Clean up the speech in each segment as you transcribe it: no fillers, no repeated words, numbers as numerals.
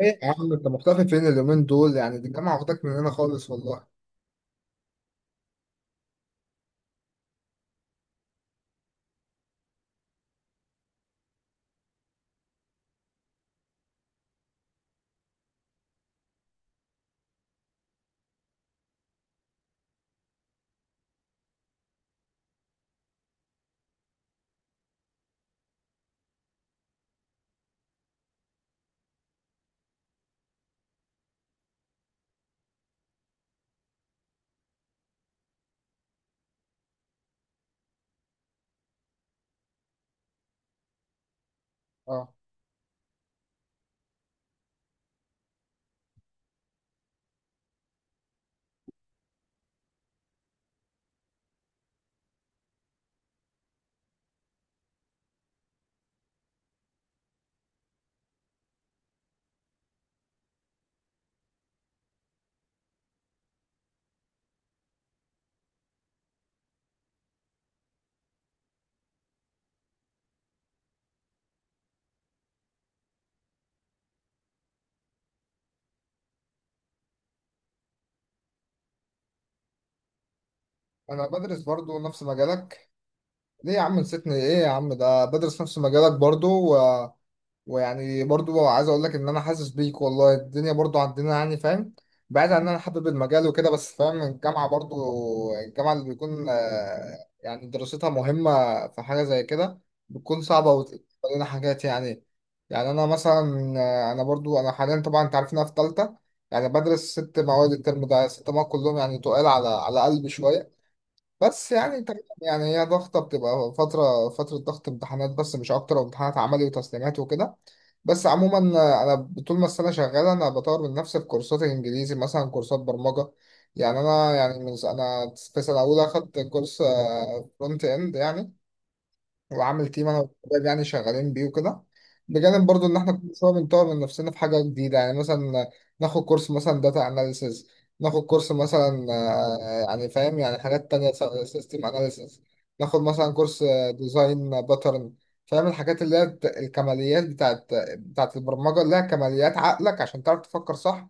ايه يا عم، انت مختفي فين اليومين دول؟ يعني دي الجامعه واخداك مننا خالص والله. اه، انا بدرس برضو نفس مجالك. ليه يا عم نسيتني؟ ايه يا عم، ده بدرس نفس مجالك برضو. ويعني برضو عايز اقول لك ان انا حاسس بيك والله، الدنيا برضو عندنا يعني فاهم. بعيد عن ان انا حابب المجال وكده، بس فاهم الجامعة برضو. الجامعة اللي بيكون يعني دراستها مهمة، في حاجة زي كده بتكون صعبة وتقول لنا حاجات يعني. يعني انا مثلا انا برضو انا حاليا طبعا انت عارف إن انا في تالتة، يعني بدرس 6 مواد الترم ده، 6 مواد كلهم يعني تقال على قلبي شوية. بس يعني تمام، يعني هي ضغطة بتبقى فترة فترة ضغط امتحانات بس مش أكتر، وامتحانات عملي وتسليمات وكده. بس عموما أنا طول ما السنة شغالة أنا بطور من نفسي في كورسات الإنجليزي مثلا كورسات برمجة. يعني أنا يعني من أنا في سنة أولى أخدت كورس فرونت إند يعني، وعامل تيم انا والشباب يعني شغالين بيه وكده. بجانب برضو ان احنا كل شويه بنطور من نفسنا في حاجه جديده، يعني مثلا ناخد كورس مثلا داتا اناليسز، ناخد كورس مثلا يعني فاهم يعني حاجات تانية، سيستم اناليسز، ناخد مثلا كورس ديزاين باترن. فاهم الحاجات اللي هي الكماليات بتاعت البرمجه اللي هي كماليات عقلك عشان تعرف تفكر صح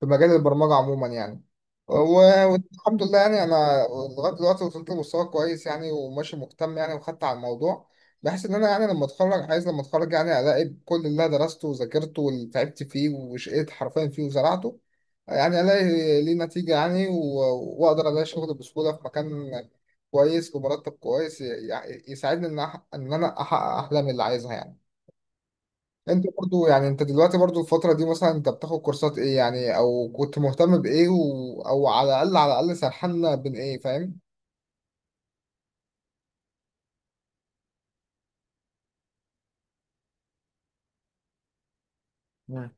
في مجال البرمجة عموما يعني. والحمد لله يعني أنا لغاية دلوقتي وصلت لمستوى كويس يعني، وماشي مهتم يعني وخدت على الموضوع، بحيث إن أنا يعني لما أتخرج عايز لما أتخرج يعني ألاقي كل اللي أنا درسته وذاكرته واللي تعبت فيه وشقيت حرفيا فيه وزرعته، يعني ألاقي ليه نتيجة يعني وأقدر ألاقي شغل بسهولة في مكان كويس بمرتب كويس يساعدني إن إن أنا أحقق أحلامي اللي عايزها يعني. انت برضو يعني انت دلوقتي برضو الفترة دي مثلا انت بتاخد كورسات ايه يعني، او كنت مهتم بايه او على الاقل سرحنا بين ايه فاهم؟ مم.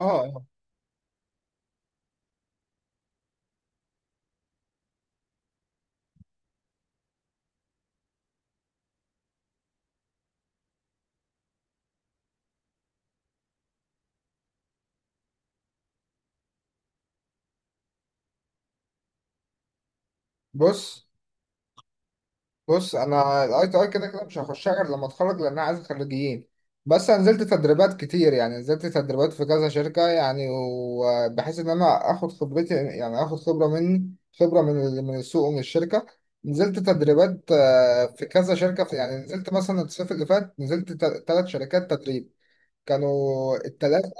اه، بص بص انا الاي تي اي كده كده مش هخشها غير لما اتخرج لان انا عايز خريجين. بس انا نزلت تدريبات كتير يعني، نزلت تدريبات في كذا شركة يعني، وبحيث ان انا اخد خبرتي يعني اخد خبرة مني، خبرة من من السوق ومن الشركة. نزلت تدريبات في كذا شركة، في يعني نزلت مثلا الصيف اللي فات نزلت 3 شركات تدريب. كانوا التلاتة،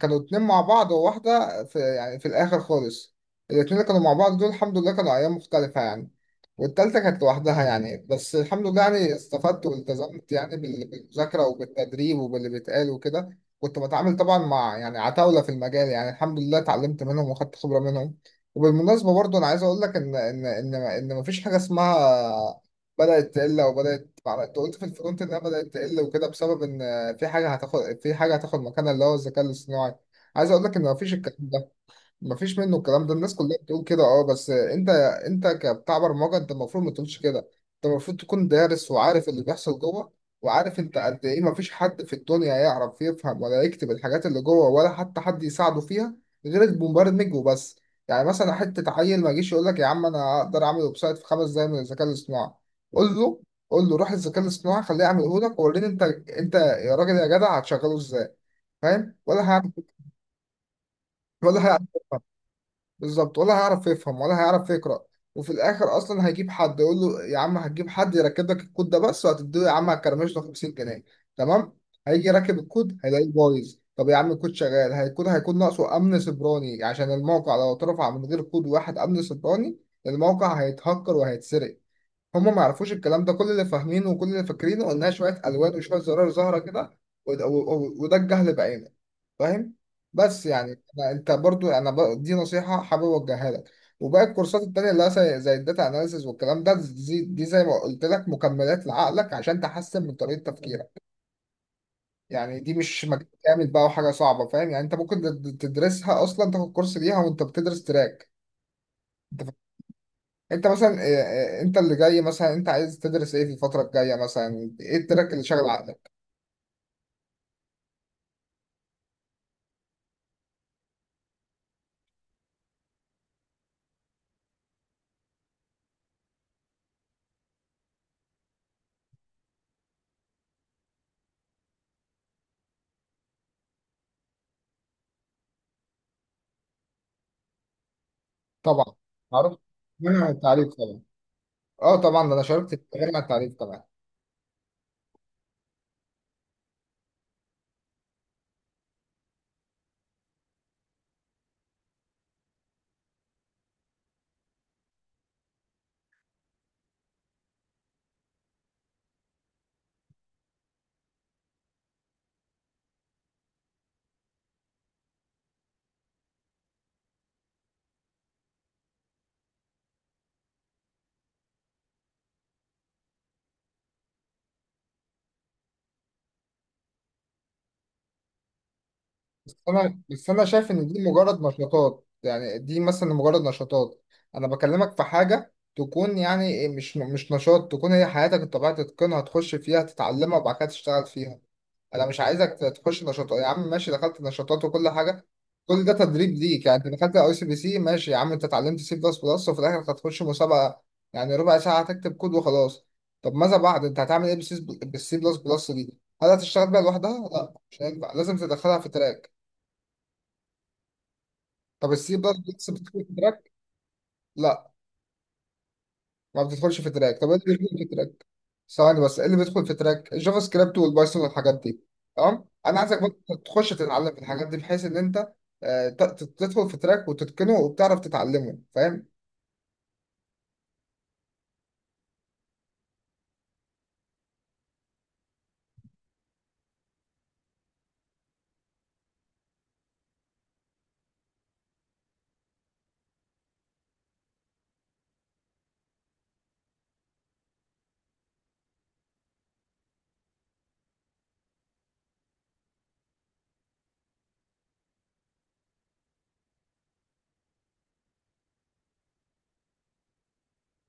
كانوا اتنين مع بعض وواحدة في يعني في الآخر خالص. الاتنين اللي كانوا مع بعض دول الحمد لله كانوا أيام مختلفة يعني، والتالتة كانت لوحدها يعني. بس الحمد لله يعني استفدت والتزمت يعني بالمذاكرة وبالتدريب وباللي بيتقال وكده. كنت بتعامل طبعا مع يعني عتاولة في المجال، يعني الحمد لله اتعلمت منهم وخدت خبرة منهم. وبالمناسبة برضو أنا عايز أقول لك إن مفيش حاجة اسمها بدأت تقل أو بدأت أنت قلت في الفرونت إنها بدأت تقل وكده بسبب إن في حاجة هتاخد مكانها اللي هو الذكاء الاصطناعي. عايز أقول لك إن مفيش الكلام ده، مفيش منه. الكلام ده الناس كلها بتقول كده، اه، بس انت كبتاع برمجه، انت المفروض ما تقولش كده، انت المفروض تكون دارس وعارف اللي بيحصل جوه، وعارف انت قد ايه مفيش حد في الدنيا يعرف يفهم ولا يكتب الحاجات اللي جوه ولا حتى حد يساعده فيها غير المبرمج وبس. يعني مثلا حته عيل ما يجيش يقول لك يا عم انا اقدر اعمل ويب سايت في 5 دقايق من الذكاء الاصطناعي، قول له، قول له روح الذكاء الاصطناعي خليه يعمله لك ووريني انت، انت يا راجل يا جدع هتشغله ازاي؟ فاهم؟ ولا هيعمل، ولا هيعمل بالظبط، ولا هيعرف يفهم ولا هيعرف يقرأ. وفي الآخر أصلا هيجيب حد يقول له يا عم هتجيب حد يركب لك الكود ده بس، وهتديه يا عم هتكرمش له 50 جنيه؟ تمام، هيجي راكب الكود هيلاقيه بايظ. طب يا عم الكود شغال، هيكون ناقصه أمن سيبراني، عشان الموقع لو اترفع من غير كود واحد أمن سيبراني الموقع هيتهكر وهيتسرق. هما ما يعرفوش الكلام ده، كل اللي فاهمينه وكل اللي فاكرينه إنها شوية ألوان وشوية زرار ظاهرة كده، وده وده الجهل بعينه، فاهم؟ بس يعني انت برضو انا دي نصيحة حابب اوجهها لك، وباقي الكورسات التانية اللي هي زي الداتا اناليسز والكلام ده، دي زي ما قلت لك مكملات لعقلك عشان تحسن من طريقة تفكيرك. يعني دي مش مجال كامل بقى وحاجة صعبة، فاهم؟ يعني انت ممكن تدرسها اصلا، تاخد كورس ليها وانت بتدرس تراك. انت فا- انت مثلا انت اللي جاي مثلا انت عايز تدرس ايه في الفترة الجاية، مثلا ايه التراك اللي شاغل عقلك؟ طبعا عارف، منع التعريف طبعا. اه طبعا، ده انا شاركت في منع التعريف طبعا. بس انا شايف ان دي مجرد نشاطات، يعني دي مثلا مجرد نشاطات. انا بكلمك في حاجه تكون يعني مش نشاط، تكون هي حياتك انت بقى تتقنها، تخش فيها تتعلمها وبعد كده تشتغل فيها. انا مش عايزك تخش نشاطات يا عم، ماشي دخلت نشاطات وكل حاجه، كل ده تدريب ليك. يعني انت دخلت اي سي بي سي ماشي يا عم، انت اتعلمت سي بلس بلس وفي الاخر هتخش مسابقه، يعني ربع ساعه هتكتب كود وخلاص. طب ماذا بعد، انت هتعمل ايه بالسي بلس بلس دي؟ هل هتشتغل بيها لوحدها؟ لا مش هينفع، لازم تدخلها في تراك. طب السي بلس بلس بتدخل في تراك؟ لا، ما بتدخلش في تراك. طب ايه اللي بيدخل في تراك؟ ثواني بس، ايه اللي بيدخل في تراك؟ الجافا سكريبت والبايثون والحاجات دي. تمام؟ انا عايزك بقى تخش تتعلم في الحاجات دي بحيث ان انت تدخل في تراك وتتقنه وبتعرف تتعلمه، فاهم؟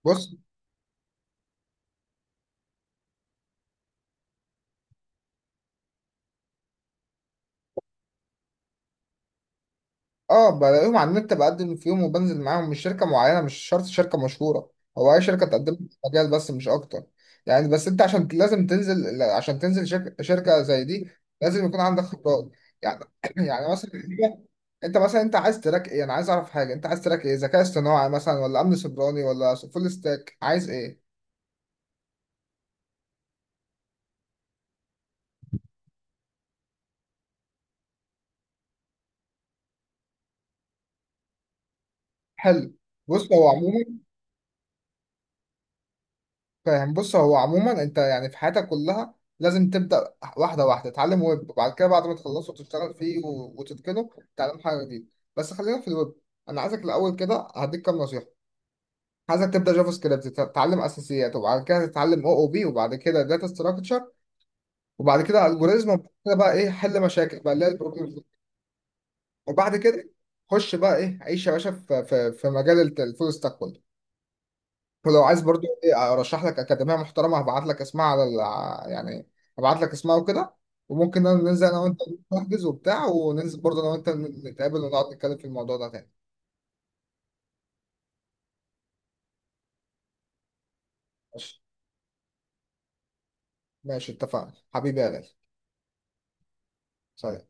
بص، اه بلاقيهم على النت، بقدم فيهم وبنزل معاهم، مش شركة معينة، مش شرط شركة مشهورة. هو اي شركة تقدم لك مجال بس، مش اكتر. يعني بس انت عشان لازم تنزل، عشان تنزل شركة زي دي لازم يكون عندك خبرات. يعني يعني مثلا، انت مثلا انت عايز تراك ايه؟ انا عايز اعرف حاجه، انت عايز تراك ايه؟ ذكاء اصطناعي مثلا ولا امن سيبراني ولا فول ستاك؟ عايز ايه؟ حلو. بص هو عموما بص هو عموما، انت يعني في حياتك كلها لازم تبدا واحده واحده، تتعلم ويب وبعد كده بعد ما تخلصه تشتغل فيه وتتقنه، تتعلم حاجه جديده. بس خلينا في الويب، انا عايزك الاول كده هديك كام نصيحه. عايزك تبدا جافا سكريبت، تتعلم اساسيات، وبعد كده تتعلم او او بي، وبعد كده داتا ستراكشر، وبعد كده الجوريزم، وبعد كده بقى ايه حل مشاكل بقى اللي هي البروبلم، وبعد كده خش بقى ايه عيش يا باشا في في مجال الفول ستاك كله. ولو عايز برضو ايه ارشح لك اكاديميه محترمه هبعت لك اسمها على يعني هبعت لك اسمها وكده. وممكن ننزل انا وانت نحجز وبتاع، وننزل برضو انا وانت نتقابل ونقعد نتكلم في الموضوع ده تاني. ماشي، ماشي، اتفقنا حبيبي يا غالي. سلام.